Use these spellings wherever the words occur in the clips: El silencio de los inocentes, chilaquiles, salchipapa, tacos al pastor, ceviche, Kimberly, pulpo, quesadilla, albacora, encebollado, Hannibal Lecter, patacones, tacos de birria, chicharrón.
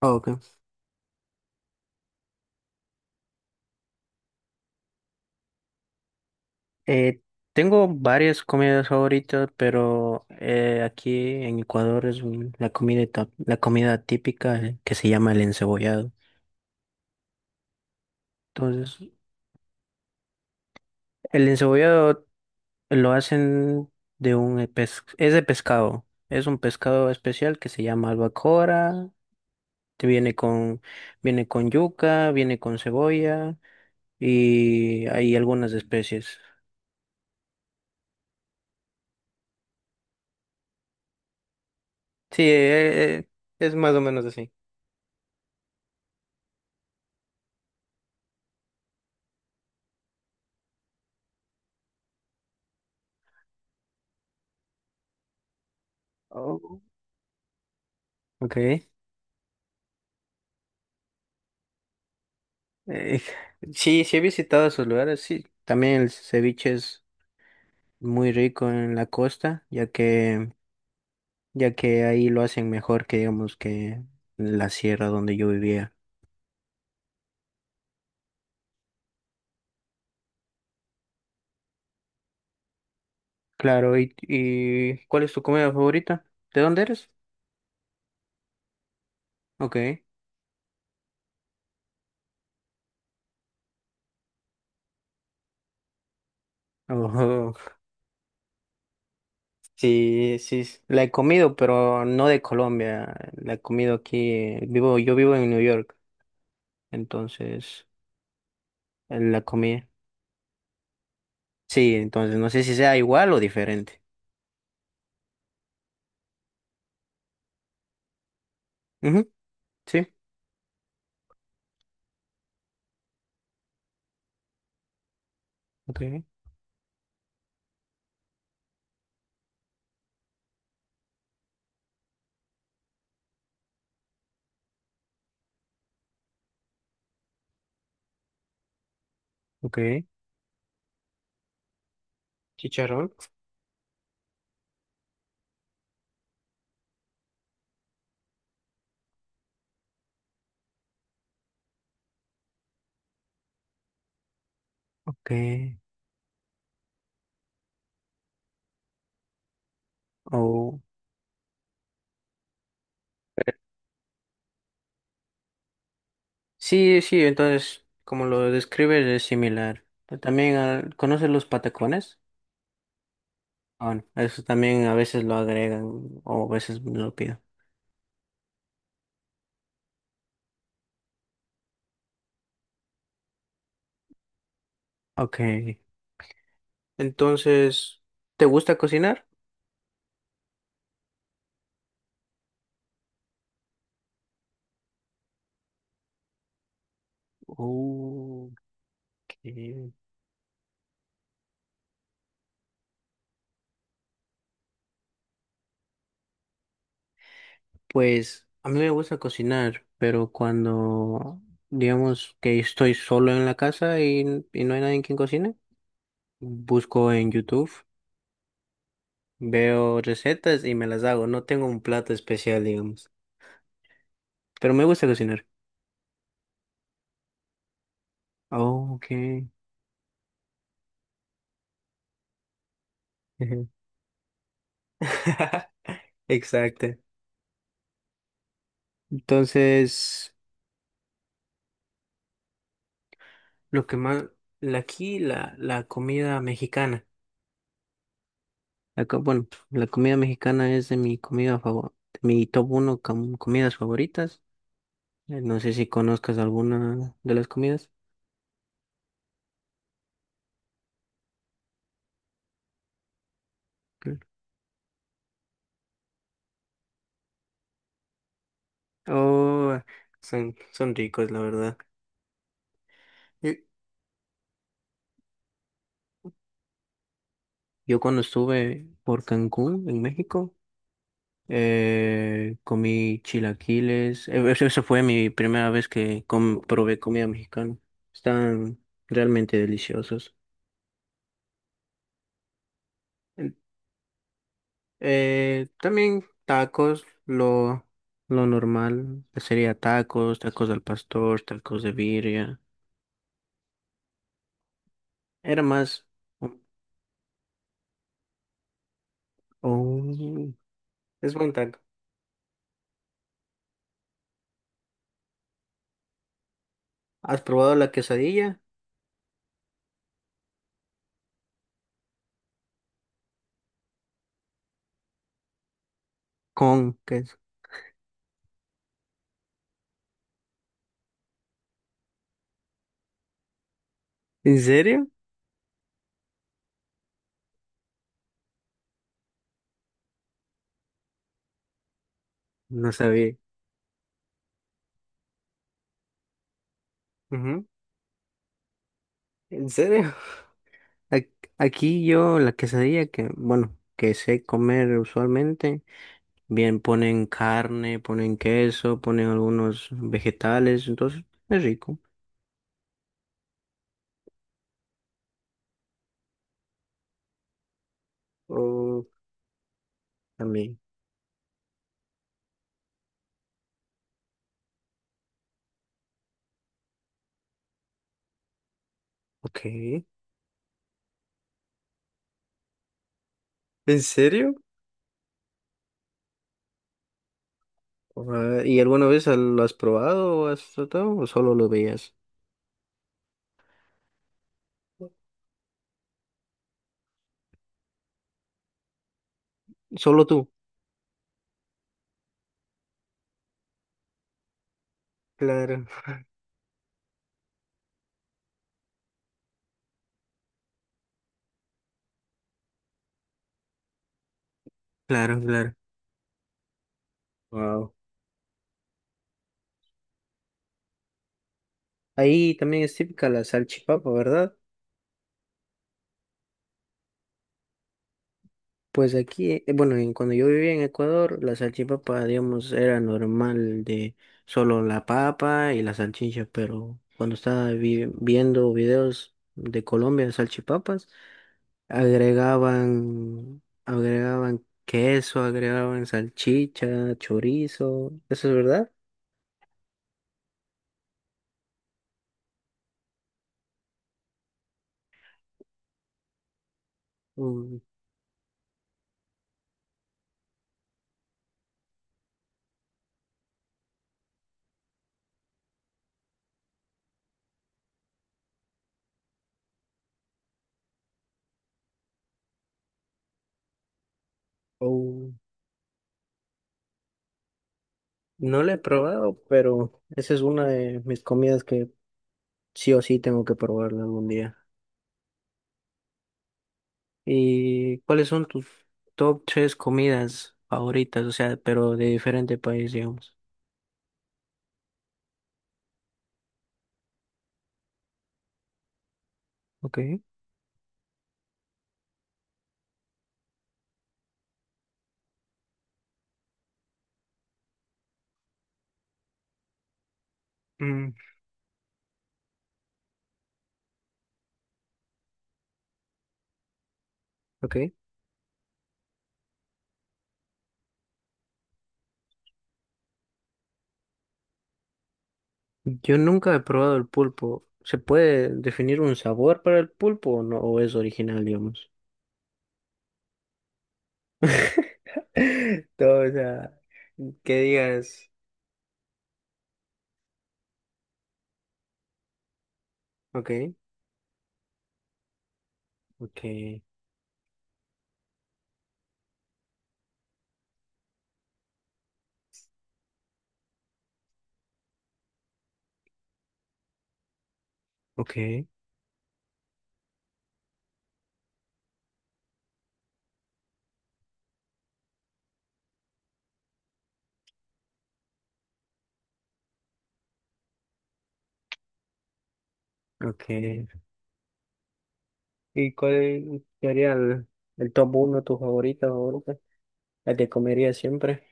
Ah, ok. Eh, Tengo varias comidas favoritas, pero aquí en Ecuador es la comida, la comida típica que se llama el encebollado. Entonces, el encebollado lo hacen de un es de pescado. Es un pescado especial que se llama albacora. Te viene con yuca, viene con cebolla y hay algunas especies. Sí, es más o menos así. Oh. Ok. Eh, sí, sí he visitado esos lugares, sí. También el ceviche es muy rico en la costa, ya que ahí lo hacen mejor que digamos que en la sierra donde yo vivía. Claro, y ¿cuál es tu comida favorita? ¿De dónde eres? Ok. Ojo. Sí, sí, la he comido, pero no de Colombia. La he comido aquí, vivo, yo vivo en New York, entonces la comí. Sí, entonces no sé si sea igual o diferente. Ujú, sí. Ok. Ok, chicharrón. Ok. Oh. Sí, sí, entonces, como lo describes, es similar. Pero también, ah, ¿conoces los patacones? Ah, no, eso también a veces lo agregan o a veces me lo pido. Ok. Entonces, ¿te gusta cocinar? Oh, ok. Pues a mí me gusta cocinar, pero cuando digamos que estoy solo en la casa y no hay nadie quien cocine, busco en YouTube. Veo recetas y me las hago. No tengo un plato especial, digamos. Pero me gusta cocinar. Oh, ok. Ujú. Exacto. Entonces, lo que más, aquí la comida mexicana. Bueno, la comida mexicana es de mi comida favor, de mi top 1 comidas favoritas. No sé si conozcas alguna de las comidas. Claro. Oh, son, son ricos, la verdad. Yo yo cuando estuve por Cancún, en México, comí chilaquiles. Esa esa fue mi primera vez que probé comida mexicana. Están realmente deliciosos. En- también tacos, lo normal sería tacos, tacos al pastor, tacos de birria. Era más... Oh, es buen taco. ¿Has probado la quesadilla? ¿Con queso? ¿En serio? No sabía. Ujú. ¿En serio? Ac- Aquí yo la quesadilla que, bueno, que sé comer usualmente, bien ponen carne, ponen queso, ponen algunos vegetales, entonces es rico. Oh, también. Ok. ¿En serio? Ah, ¿y alguna vez lo has probado o has tratado o solo lo veías? Solo tú. Claro, claro, claro. Wow. Ahí también es típica la salchipapa, ¿verdad? Pues aquí, bueno, cuando yo vivía en Ecuador, la salchipapa, digamos, era normal de solo la papa y la salchicha, pero cuando estaba viendo videos de Colombia de salchipapas, agregaban queso, agregaban salchicha, chorizo, ¿eso es verdad? Mm, o- no la he probado, pero esa es una de mis comidas que sí o sí tengo que probarla algún día. ¿Y cuáles son tus top tres comidas favoritas? O sea, pero de diferente país, digamos. Ok. Mm, ok. Yo nunca he probado el pulpo. ¿Se puede definir un sabor para el pulpo o no? ¿O es original, digamos? Todo, o sea, que digas, ok, ok, ok, ok. ¿Y cuál sería el top uno, tu favorita, favorita? La que comería siempre.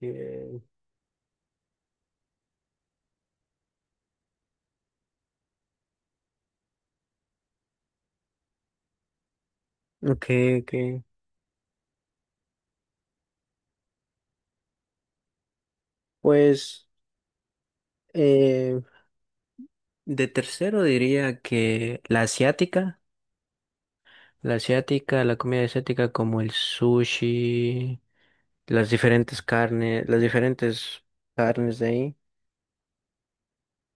Eh, ok, ok. Pues. eh, De tercero diría que la asiática, la asiática, la comida asiática como el sushi, las diferentes carnes de ahí.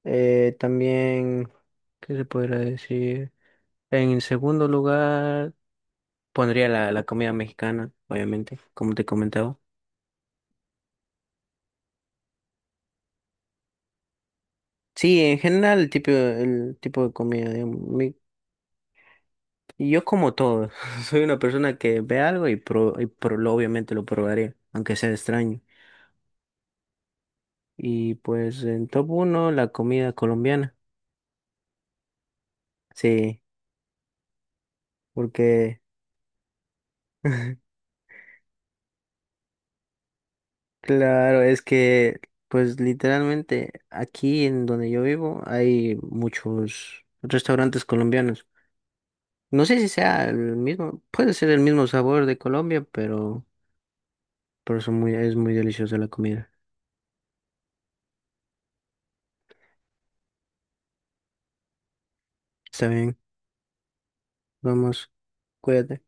También, ¿qué se podría decir? En segundo lugar, pondría la comida mexicana, obviamente, como te comentaba. Sí, en general el tipo de comida, digamos, yo como todo, soy una persona que ve algo y obviamente lo probaré, aunque sea extraño. Y pues en top uno, la comida colombiana. Sí, porque claro, es que pues literalmente aquí en donde yo vivo hay muchos restaurantes colombianos. No sé si sea el mismo, puede ser el mismo sabor de Colombia, pero son muy, es muy deliciosa la comida. Está bien, vamos, cuídate.